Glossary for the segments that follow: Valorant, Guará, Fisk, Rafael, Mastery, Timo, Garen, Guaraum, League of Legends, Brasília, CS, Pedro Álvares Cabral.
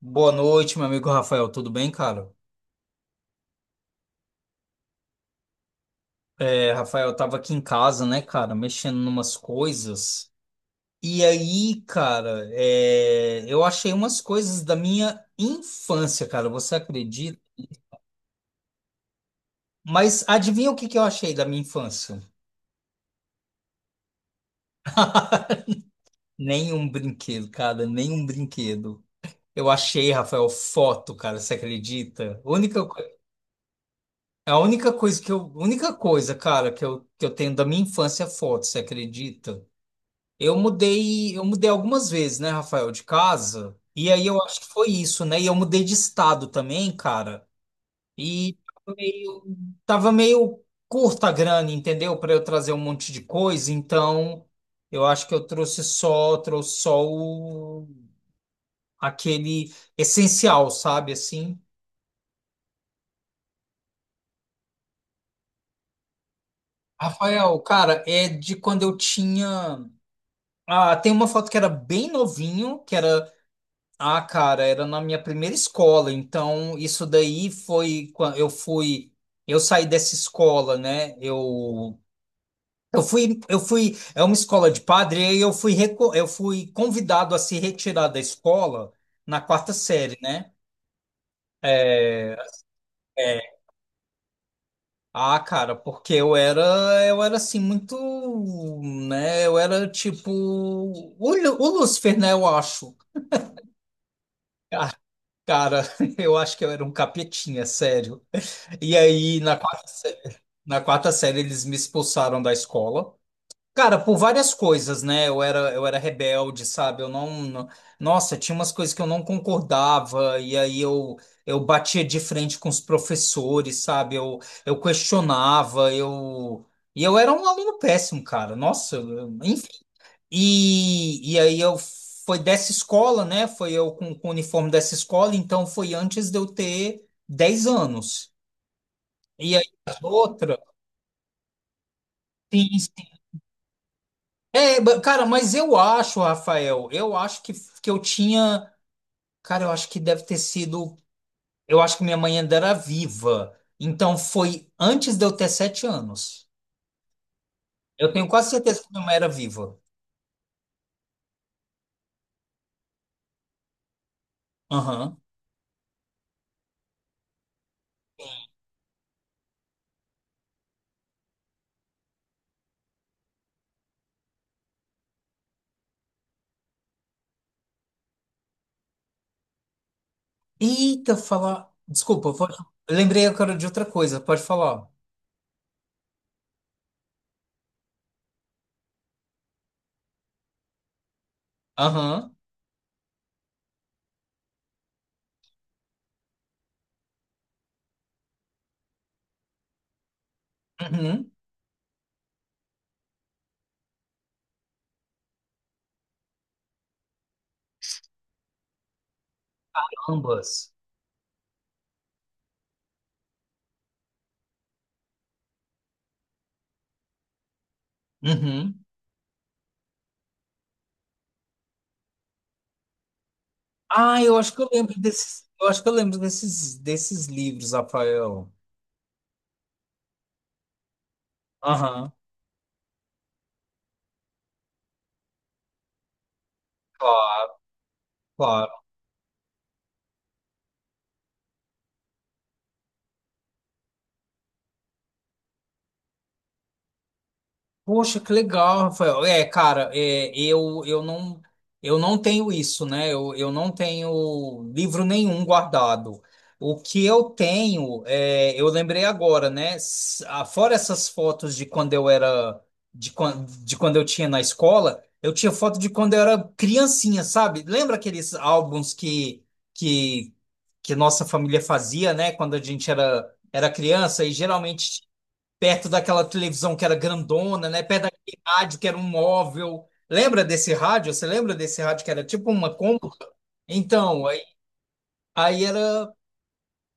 Boa noite, meu amigo Rafael. Tudo bem, cara? É, Rafael, eu tava aqui em casa, né, cara, mexendo numas coisas. E aí, cara, eu achei umas coisas da minha infância, cara. Você acredita? Mas adivinha o que que eu achei da minha infância? Nenhum brinquedo, cara, nenhum brinquedo. Eu achei, Rafael, foto, cara. Você acredita? A única coisa, cara, que eu tenho da minha infância é foto. Você acredita? Eu mudei algumas vezes, né, Rafael, de casa. E aí eu acho que foi isso, né? E eu mudei de estado também, cara. E tava meio curta a grana, entendeu? Para eu trazer um monte de coisa. Então, eu acho que eu trouxe só aquele essencial, sabe? Assim. Rafael, cara, é de quando eu tinha. Ah, tem uma foto que era bem novinho, que era Ah, cara, era na minha primeira escola, então isso daí foi quando eu saí dessa escola, né? É uma escola de padre, e aí eu fui convidado a se retirar da escola na quarta série, né? É, é. Cara, porque eu era assim muito, né? Eu era tipo o Lúcifer, né? Eu acho. Cara, eu acho que eu era um capetinha, sério. E aí na quarta Na quarta série, eles me expulsaram da escola. Cara, por várias coisas, né? Eu era rebelde, sabe? Eu não, não- Nossa, tinha umas coisas que eu não concordava, e aí eu batia de frente com os professores, sabe? Eu questionava, eu. E eu era um aluno péssimo, cara. Nossa, enfim. E aí eu. Foi dessa escola, né? Foi eu com o uniforme dessa escola, então foi antes de eu ter 10 anos. E aí as outras. Sim, cara, mas eu acho, Rafael, eu acho que eu tinha. Cara, eu acho que deve ter sido. Eu acho que minha mãe ainda era viva. Então foi antes de eu ter 7 anos. Eu tenho quase certeza que minha mãe era viva. Aham. Eita, falar. Desculpa, pode... eu lembrei agora de outra coisa, pode falar. Aham. Uhum. Ambas. Uhum. Ah, eu acho que eu lembro desses. Eu acho que eu lembro desses, desses livros, Rafael. Aham. Claro, claro. Poxa, que legal, Rafael. É, cara, eu não tenho isso, né? Eu não tenho livro nenhum guardado. O que eu tenho, eu lembrei agora, né? Fora essas fotos de quando eu era, de quando eu tinha na escola, eu tinha foto de quando eu era criancinha, sabe? Lembra aqueles álbuns que, que nossa família fazia, né? Quando a gente era criança e geralmente perto daquela televisão que era grandona, né? Perto daquele rádio que era um móvel. Lembra desse rádio? Você lembra desse rádio que era tipo uma cômoda? Então, aí, aí era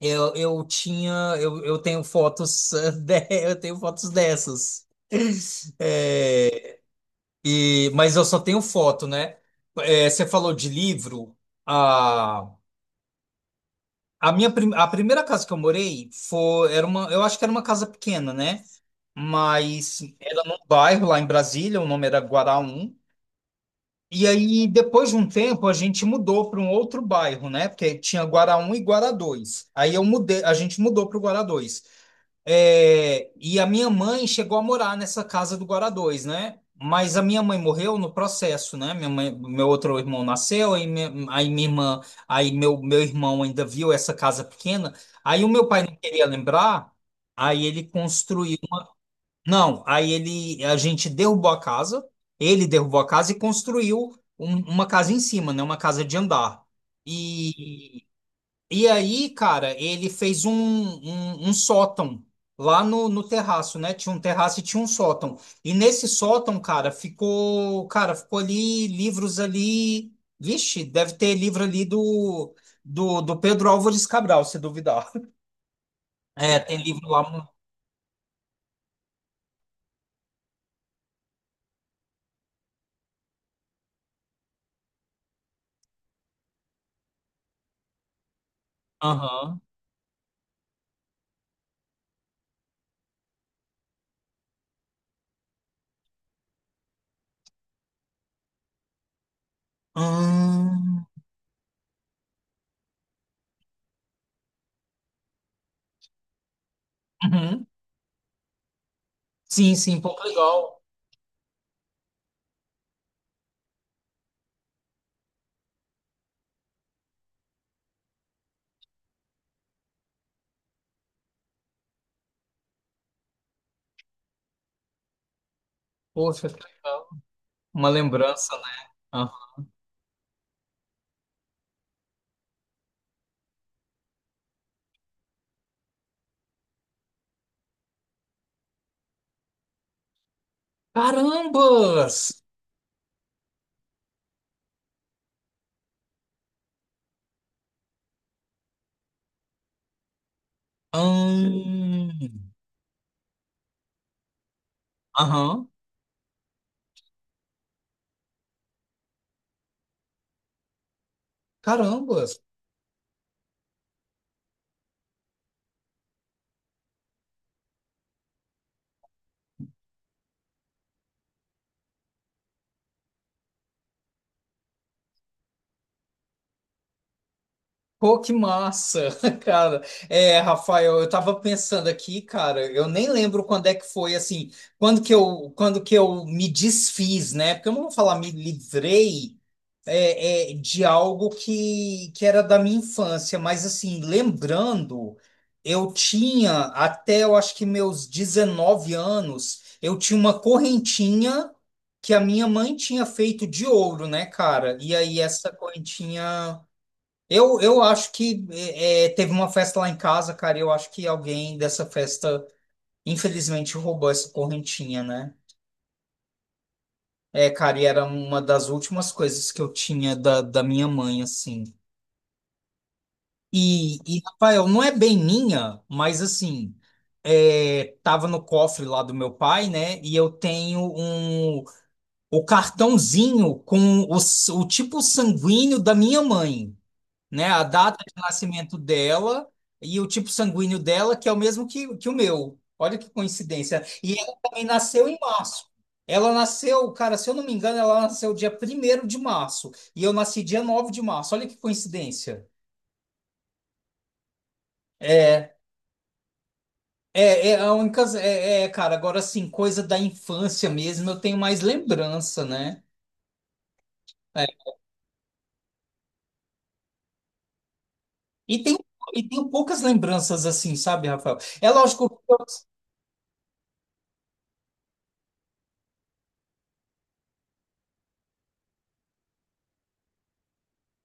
eu tinha eu tenho fotos eu tenho fotos dessas. É, e, mas eu só tenho foto, né? É, você falou de livro. A, a primeira casa que eu morei eu acho que era uma casa pequena, né? Mas era num bairro lá em Brasília, o nome era Guaraum. E aí, depois de um tempo, a gente mudou para um outro bairro, né? Porque tinha Guará um e Guará dois. A gente mudou para o Guará dois. É, e a minha mãe chegou a morar nessa casa do Guará dois, né? Mas a minha mãe morreu no processo, né? Minha mãe, meu outro irmão nasceu, aí minha irmã, aí meu irmão ainda viu essa casa pequena. Aí o meu pai não queria lembrar, aí ele construiu. Não, a gente derrubou a casa, ele derrubou a casa e construiu uma casa em cima, né? Uma casa de andar. E, e aí, cara, ele fez um sótão lá no terraço, né? Tinha um terraço e tinha um sótão. E nesse sótão, cara, ficou ali livros ali. Vixe, deve ter livro ali do Pedro Álvares Cabral, se duvidar. É, tem livro lá. Aham. Ahn. Uhum. Sim, sim, pô, que legal. Poxa, que legal. Uma lembrança, né? Ah. Carambas! Ahn. Aham. Carambas! Pô, que massa, cara. É, Rafael, eu tava pensando aqui, cara, eu nem lembro quando é que foi, assim, quando que eu me desfiz, né? Porque eu não vou falar me livrei, de algo que era da minha infância, mas assim, lembrando, eu tinha até eu acho que meus 19 anos, eu tinha uma correntinha que a minha mãe tinha feito de ouro, né, cara? E aí essa correntinha. Eu acho que teve uma festa lá em casa, cara, e eu acho que alguém dessa festa, infelizmente, roubou essa correntinha, né? É, cara, e era uma das últimas coisas que eu tinha da minha mãe, assim. Rafael, não é bem minha, mas assim, tava no cofre lá do meu pai, né? E eu tenho o cartãozinho com o tipo sanguíneo da minha mãe, né? A data de nascimento dela e o tipo sanguíneo dela, que é o mesmo que o meu. Olha que coincidência. E ela também nasceu em março. Ela nasceu, cara, se eu não me engano, ela nasceu dia 1º de março. E eu nasci dia 9 de março. Olha que coincidência. É, É. É a única. Cara, agora assim, coisa da infância mesmo, eu tenho mais lembrança, né? É. E tem e tenho poucas lembranças assim, sabe, Rafael? É lógico que.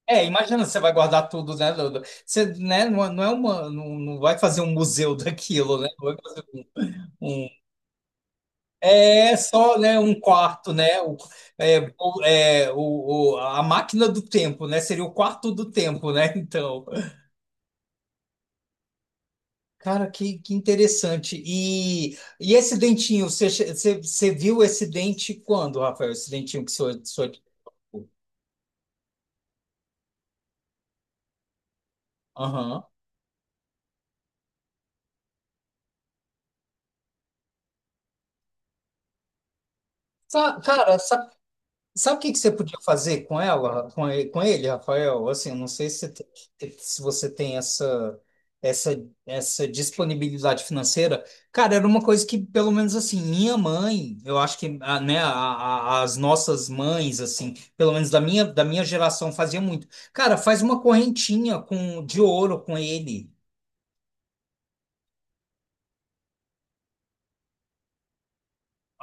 É, imagina, você vai guardar tudo, né? Duda? Você, né, não, não é uma. Não, não vai fazer um museu daquilo, né? Um- é só, né, um quarto, né? O, é, o, é, o- a máquina do tempo, né? Seria o quarto do tempo, né? Então. Cara, que interessante. E esse dentinho, você viu esse dente quando, Rafael? Esse dentinho que sou, sou... Aham. Cara, sabe o que que você podia fazer com ele, Rafael? Assim, não sei se você tem essa, essa disponibilidade financeira. Cara, era uma coisa que, pelo menos assim, minha mãe, eu acho que, né, as nossas mães, assim, pelo menos da minha geração, fazia muito. Cara, faz uma correntinha com, de ouro com ele.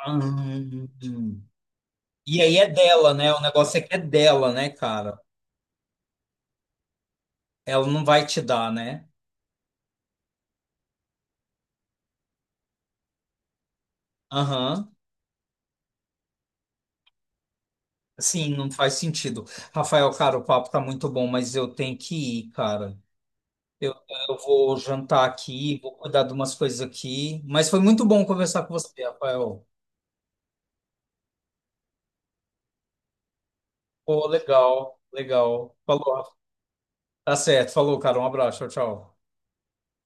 Ahn. E aí é dela, né? O negócio é que é dela, né, cara? Ela não vai te dar, né? Aham. Sim, não faz sentido. Rafael, cara, o papo tá muito bom, mas eu tenho que ir, cara. Eu, eu vou jantar aqui, vou cuidar de umas coisas aqui. Mas foi muito bom conversar com você, Rafael. Pô, legal, legal. Falou, Rafa. Tá certo. Falou, cara. Um abraço. Tchau, tchau.